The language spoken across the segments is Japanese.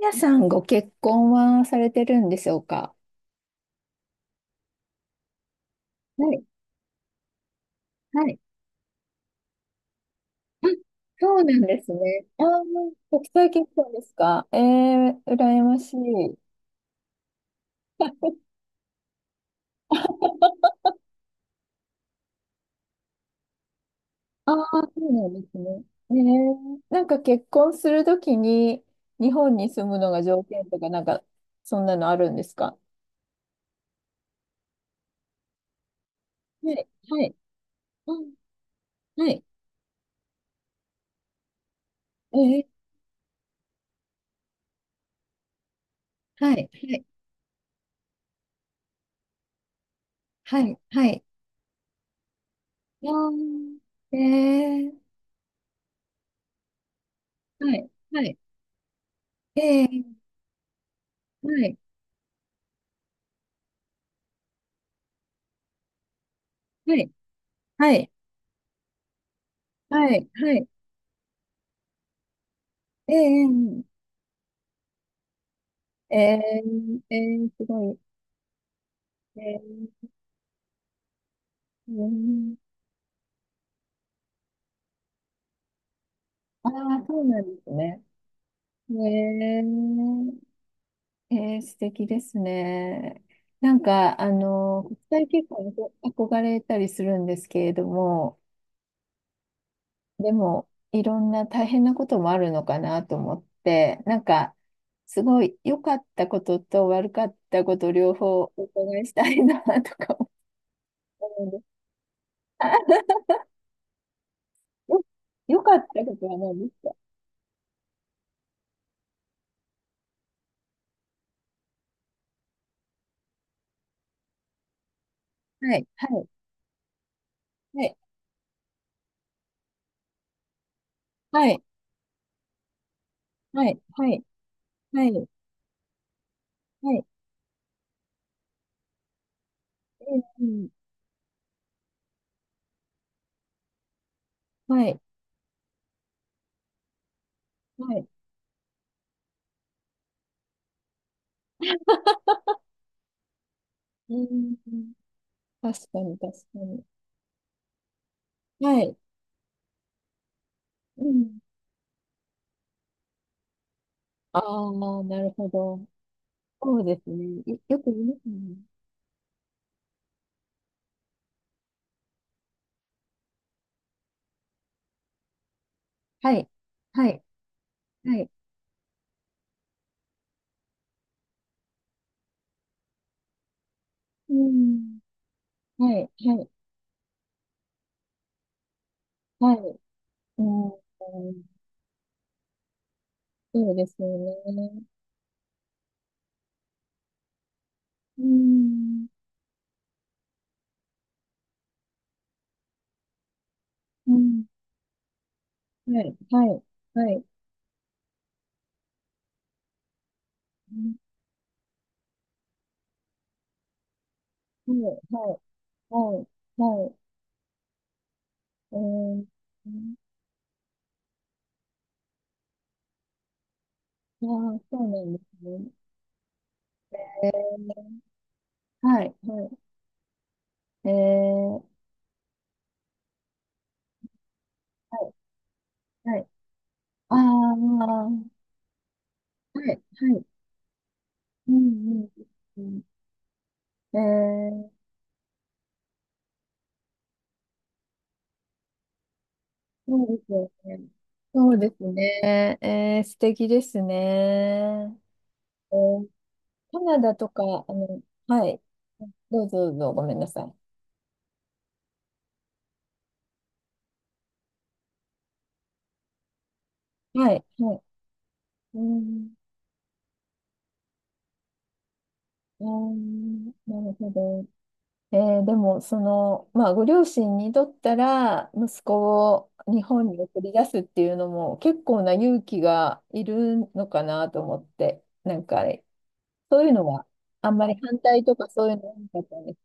やさんご結婚はされてるんでしょうか？はい、はい。あ、そうなんですね。ああ、国際結婚ですか？ええー、羨ましい。ああ、そうなんですね。ええ、なんか結婚するときに日本に住むのが条件とかなんか、そんなのあるんですか？はい、はい。うん、はい。ええ、はい、はい、はい、はい。ああ、ええ、はい、はい。ええ、はい、はい、はい。はい、はい。ええ、ええ、ええ、すごい。ええ、ええ、ああ、そうなんですね。ええ、ええ、素敵ですね。なんか、国際結婚に憧れたりするんですけれども、でも、いろんな大変なこともあるのかなと思って、なんか、すごい良かったことと悪かったこと両方お伺いしたいなとか思うんです。よ、良かったことは何ですか？はい。はいはい、はい、はい、はい、はい、はい、うん、うん、はい、はい、うん、確かに、確かに。はい、うん。ああ、なるほど。そうですね。よく言いますね。はい、はい、はい、うん、はい、はい、はい、うん、そうですよね。うん、うん、はい、はい、はい、うん、はい、はい、はい、はい、うん、ああ、そうなんですね。えー、はい、はい、えー、はい、はい、ああ、はい、はい、うん、うん、うん、えー、そうですよね。そうですね。えー、素敵ですね。えー、カナダとか、はい、どうぞどうぞ、ごめんなさい。はい、はい、うん、うん、なるほど。でも、まあ、ご両親にとったら、息子を日本に送り出すっていうのも、結構な勇気がいるのかなと思って、なんか、そういうのは、あんまり反対とかそういうのはなかったんです。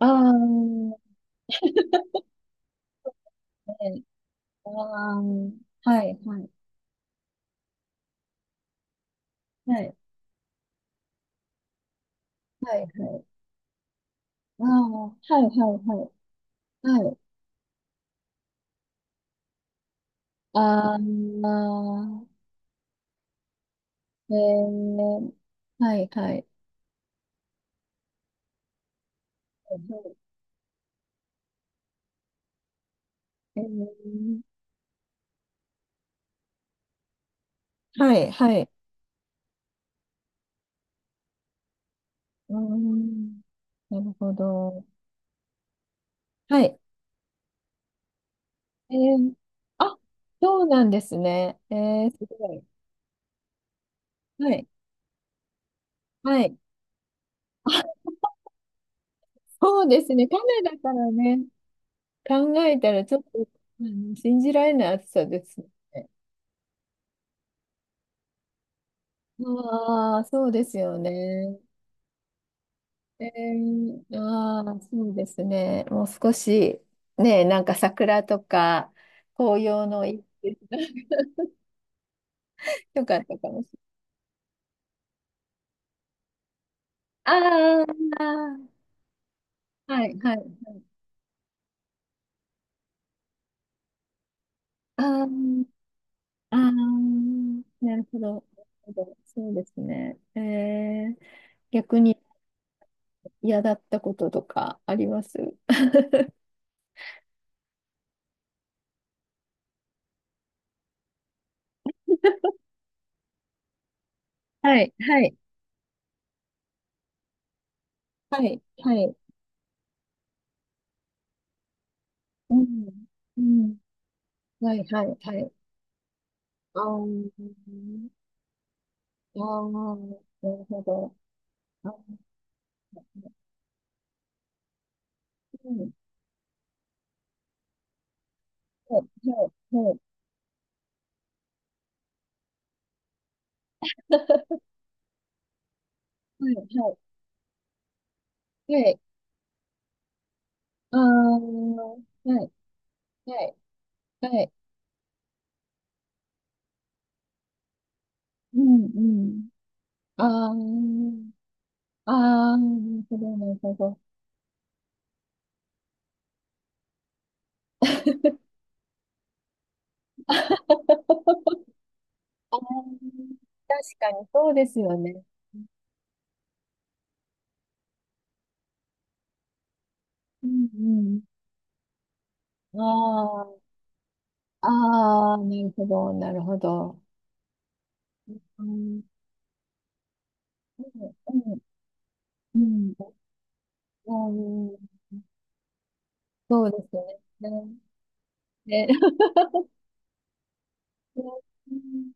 ああ、ね、ああ、はい、はい、はい、はい、はい、ああ、はい、はい、はい、はい、ああ、えー、はい、はい。はい、えー、はい、はい、うーん、なるほど。はい。えー、あ、そうなんですね。えー、すごい。はい。はい。あ、そうですね。カナダからね、考えたらちょっと、あの信じられない暑さですね。ああ、そうですよね。えー、ああ、そうですね。もう少し、ね、なんか桜とか、紅葉のとかあったかもしれない。ああ、はい、はい、はい。ああ、ああ、なるほど。なるほど、そうですね。えー、逆に嫌だったこととかあります？ はい、はい、はい、はい。うん、うん、はい、はい、はい。あー、ああ、なるほど。あ、うん、はい、はい、はい。はい、はい、はい。ああ、はい、はい、はい。うん、うん。ああ、ああ、なるほど、なるほど。あー、確かにそうですよね。うん、うん。ああ、ああ、なるほど、なるほど。うん、うん、うん、うん、うん、そうですよね。ね、ね うん、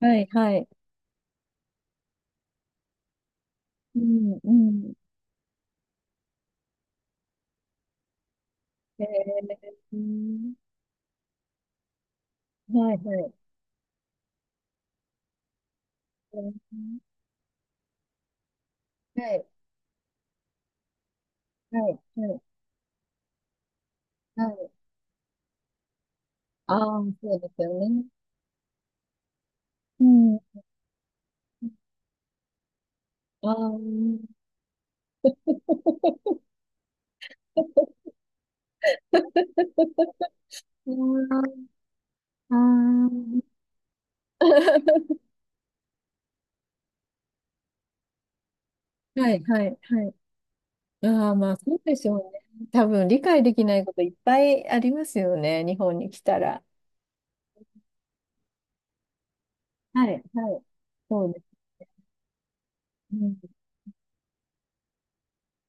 はい、はい。うん、うん。えー、うん、はい、はい。うん、はい、はい、はい、はい。ああ、そうですよね。うん。ああ。うーん、あー はい、はい、はい。ああ、まあ、そうでしょうね。多分、理解できないこといっぱいありますよね、日本に来たら。はい、はい。そうです。うん、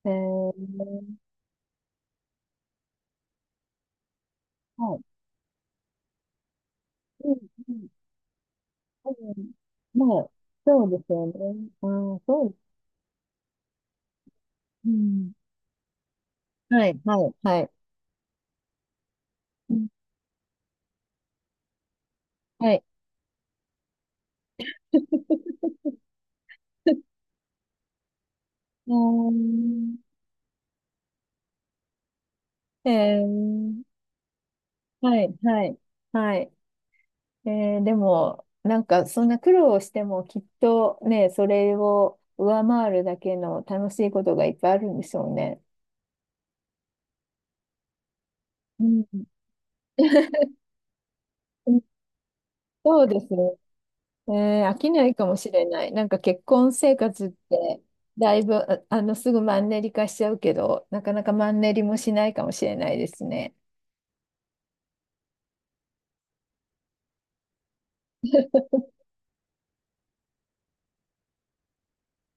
えー、はい。うん、うん、うん。まあ、そうですよね。ああ、そう。うん。はい、はい、はい。うん、はい。うーん。えー、はい、はい、はい。えでも、なんかそんな苦労をしてもきっとね、それを上回るだけの楽しいことがいっぱいあるんでしょうね。うん、うん、そうですね。え飽きないかもしれない。なんか結婚生活って、だいぶ、すぐマンネリ化しちゃうけど、なかなかマンネリもしないかもしれないですね。